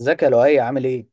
ازيك يا لؤي؟ عامل ايه؟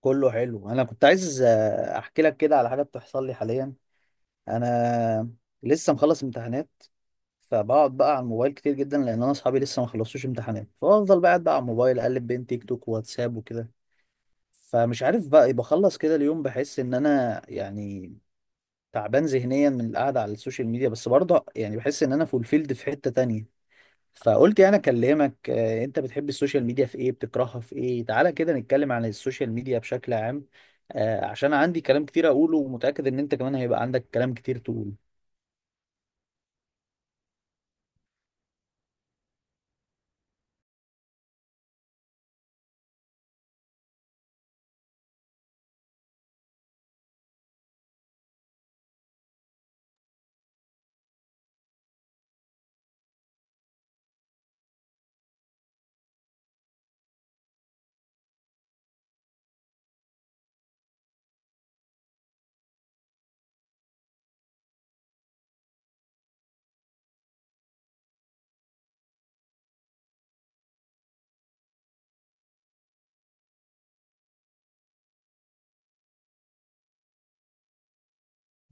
كله حلو. انا كنت عايز احكي لك كده على حاجه بتحصل لي حاليا. انا لسه مخلص امتحانات، فبقعد بقى على الموبايل كتير جدا لان انا اصحابي لسه ما خلصوش امتحانات، فافضل بقى قاعد بقى على الموبايل اقلب بين تيك توك وواتساب وكده. فمش عارف بقى بخلص كده اليوم بحس ان انا يعني، تعبان ذهنيا من القعده على السوشيال ميديا، بس برضه يعني بحس ان انا فولفيلد في حته تانية. فقلت يعني اكلمك. انت بتحب السوشيال ميديا في ايه؟ بتكرهها في ايه؟ تعالى كده نتكلم عن السوشيال ميديا بشكل عام، عشان عندي كلام كتير اقوله ومتأكد ان انت كمان هيبقى عندك كلام كتير تقوله.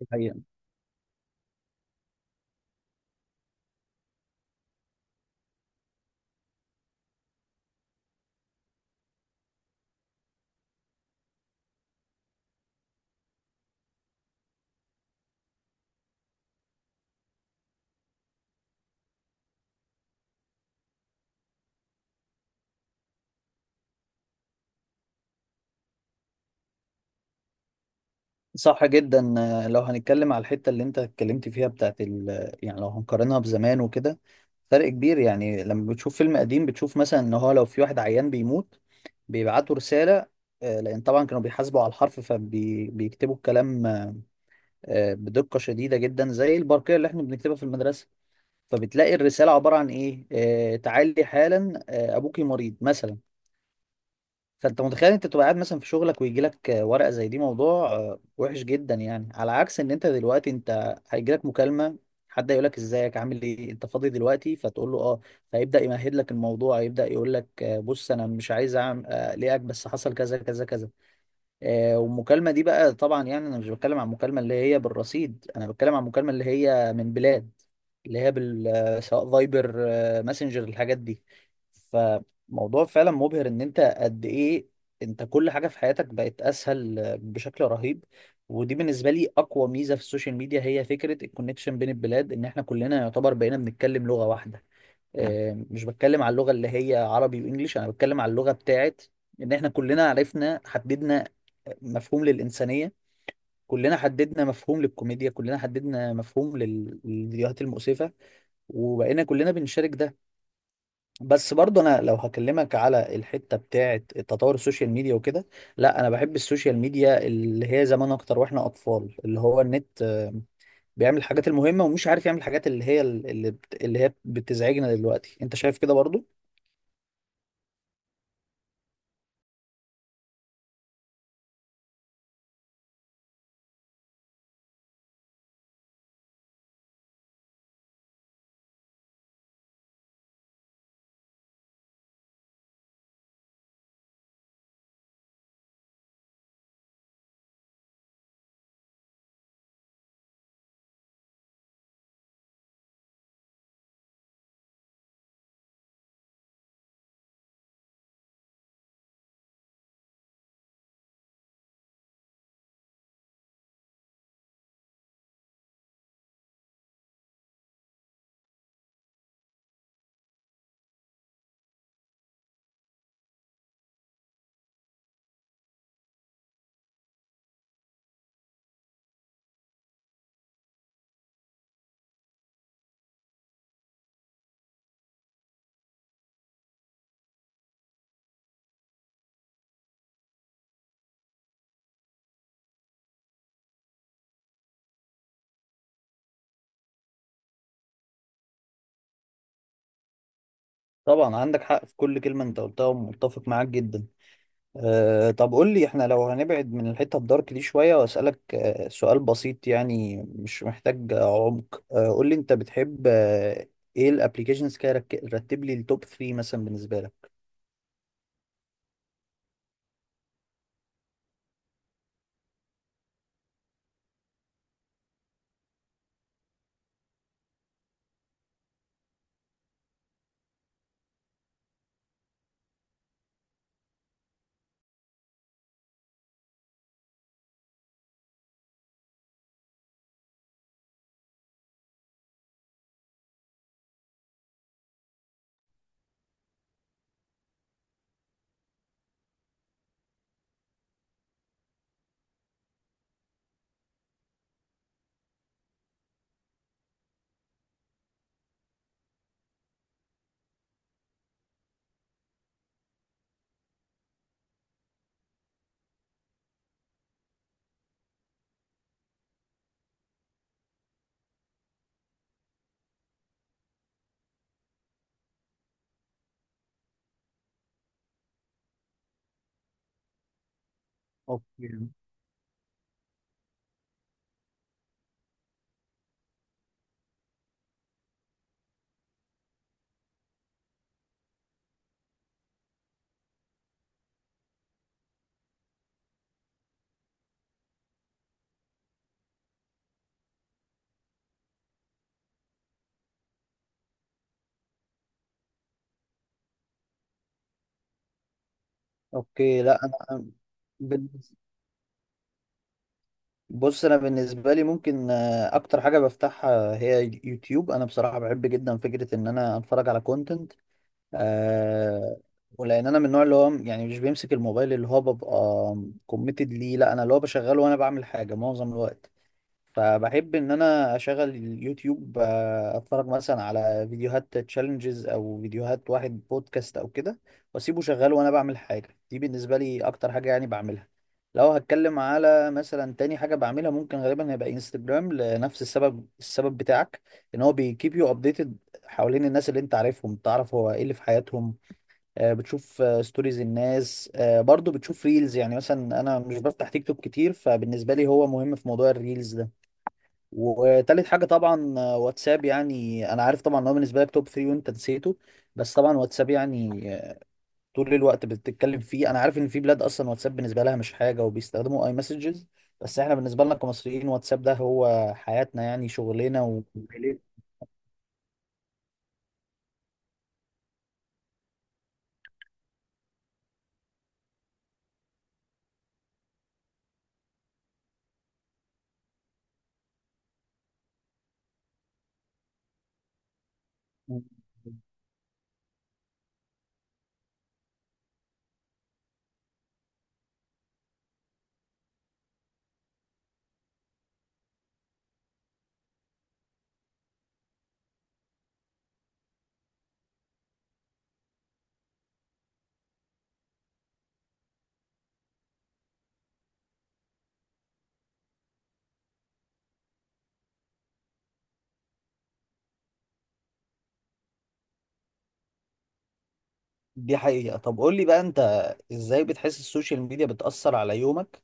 دي حقيقة. صح جدا. لو هنتكلم على الحتة اللي انت اتكلمت فيها بتاعت يعني لو هنقارنها بزمان وكده، فرق كبير. يعني لما بتشوف فيلم قديم بتشوف مثلا ان هو لو في واحد عيان بيموت، بيبعتوا رسالة. لان طبعا كانوا بيحاسبوا على الحرف، فبيكتبوا الكلام بدقة شديدة جدا زي البرقية اللي احنا بنكتبها في المدرسة. فبتلاقي الرسالة عبارة عن ايه؟ تعالي حالا، ابوكي مريض مثلا. فانت متخيل انت تبقى قاعد مثلا في شغلك ويجي لك ورقة زي دي، موضوع وحش جدا، يعني على عكس ان انت دلوقتي انت هيجي لك مكالمة، حد يقول لك ازيك؟ عامل ايه؟ انت فاضي دلوقتي؟ فتقول له اه، فيبدأ يمهد لك الموضوع، يبدأ يقول لك بص انا مش عايز اعمل اقلقك، بس حصل كذا كذا كذا. والمكالمة دي بقى طبعا يعني أنا مش بتكلم عن المكالمة اللي هي بالرصيد، أنا بتكلم عن المكالمة اللي هي من بلاد، اللي هي بال سواء فايبر، ماسنجر، الحاجات دي. فموضوع فعلا مبهر إن أنت قد إيه أنت كل حاجة في حياتك بقت أسهل بشكل رهيب. ودي بالنسبة لي أقوى ميزة في السوشيال ميديا، هي فكرة الكونكشن بين البلاد، إن إحنا كلنا يعتبر بقينا بنتكلم لغة واحدة. مش بتكلم على اللغة اللي هي عربي وانجليش، انا بتكلم على اللغة بتاعت ان احنا كلنا عرفنا، حددنا مفهوم للإنسانية، كلنا حددنا مفهوم للكوميديا، كلنا حددنا مفهوم للفيديوهات المؤسفة، وبقينا كلنا بنشارك ده. بس برضه انا لو هكلمك على الحتة بتاعت تطور السوشيال ميديا وكده، لا انا بحب السوشيال ميديا اللي هي زمان اكتر، واحنا اطفال اللي هو النت بيعمل الحاجات المهمة ومش عارف يعمل الحاجات اللي هي اللي هي بتزعجنا دلوقتي. انت شايف كده برضه؟ طبعا عندك حق في كل كلمة انت قلتها ومتفق معاك جدا. أه طب قول لي، احنا لو هنبعد من الحتة الدارك دي شوية، واسألك أه سؤال بسيط يعني مش محتاج عمق، أه قول لي انت بتحب أه ايه الابليكيشنز كده؟ رتب لي التوب 3 مثلا بالنسبة لك. اوكي. اوكي. لا انا بالنس- بص انا بالنسبه لي ممكن اكتر حاجه بفتحها هي يوتيوب. انا بصراحه بحب جدا فكره ان انا اتفرج على كونتنت. آه، ولان انا من النوع اللي هو يعني مش بيمسك الموبايل، اللي هو ببقى كوميتد ليه، لا انا اللي هو بشغله وانا بعمل حاجه معظم الوقت. فبحب ان انا اشغل اليوتيوب، اتفرج مثلا على فيديوهات تشالنجز او فيديوهات واحد بودكاست او كده واسيبه شغال وانا بعمل حاجه. دي بالنسبه لي اكتر حاجه يعني بعملها. لو هتكلم على مثلا تاني حاجه بعملها، ممكن غالبا هيبقى انستجرام لنفس السبب، السبب بتاعك، ان هو بيكيب يو ابديتد حوالين الناس اللي انت عارفهم، تعرف هو ايه اللي في حياتهم. بتشوف ستوريز الناس، برضو بتشوف ريلز، يعني مثلا انا مش بفتح تيك توك كتير، فبالنسبه لي هو مهم في موضوع الريلز ده. وتالت حاجة طبعا واتساب. يعني أنا عارف طبعا إن هو بالنسبة لك توب 3 وأنت نسيته، بس طبعا واتساب يعني طول الوقت بتتكلم فيه. أنا عارف إن في بلاد أصلا واتساب بالنسبة لها مش حاجة وبيستخدموا أي مسجز، بس إحنا بالنسبة لنا كمصريين واتساب ده هو حياتنا، يعني شغلنا و... دي حقيقة. طب قول لي بقى أنت إزاي بتحس السوشيال ميديا بتأثر على يومك؟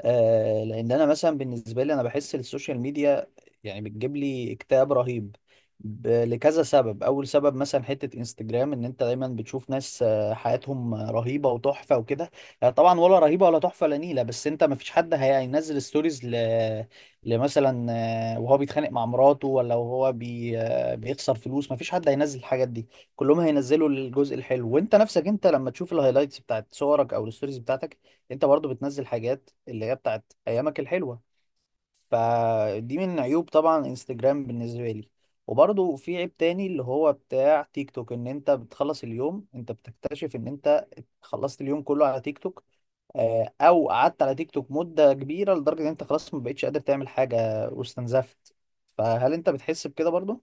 آه لان انا مثلا بالنسبه لي انا بحس السوشيال ميديا يعني بتجيب لي اكتئاب رهيب لكذا سبب. اول سبب مثلا حته انستجرام ان انت دايما بتشوف ناس حياتهم رهيبه وتحفه وكده. طبعا ولا رهيبه ولا تحفه، لا نيله، بس انت ما فيش حد هينزل ستوريز لمثلا وهو بيتخانق مع مراته، ولا وهو بي... آه، بيخسر فلوس. ما فيش حد هينزل الحاجات دي، كلهم هينزلوا الجزء الحلو. وانت نفسك انت لما تشوف الهايلايتس بتاعت صورك او الستوريز بتاعتك، انت برضو بتنزل حاجات اللي هي بتاعت ايامك الحلوة. فدي من عيوب طبعا انستجرام بالنسبة لي. وبرضو في عيب تاني اللي هو بتاع تيك توك، ان انت بتخلص اليوم انت بتكتشف ان انت خلصت اليوم كله على تيك توك، او قعدت على تيك توك مدة كبيرة لدرجة ان انت خلاص ما بقتش قادر تعمل حاجة واستنزفت. فهل انت بتحس بكده برضو؟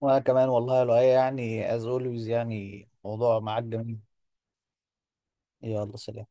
وانا كمان والله، لو يعني از اولويز يعني موضوع معاك جميل. يلا سلام.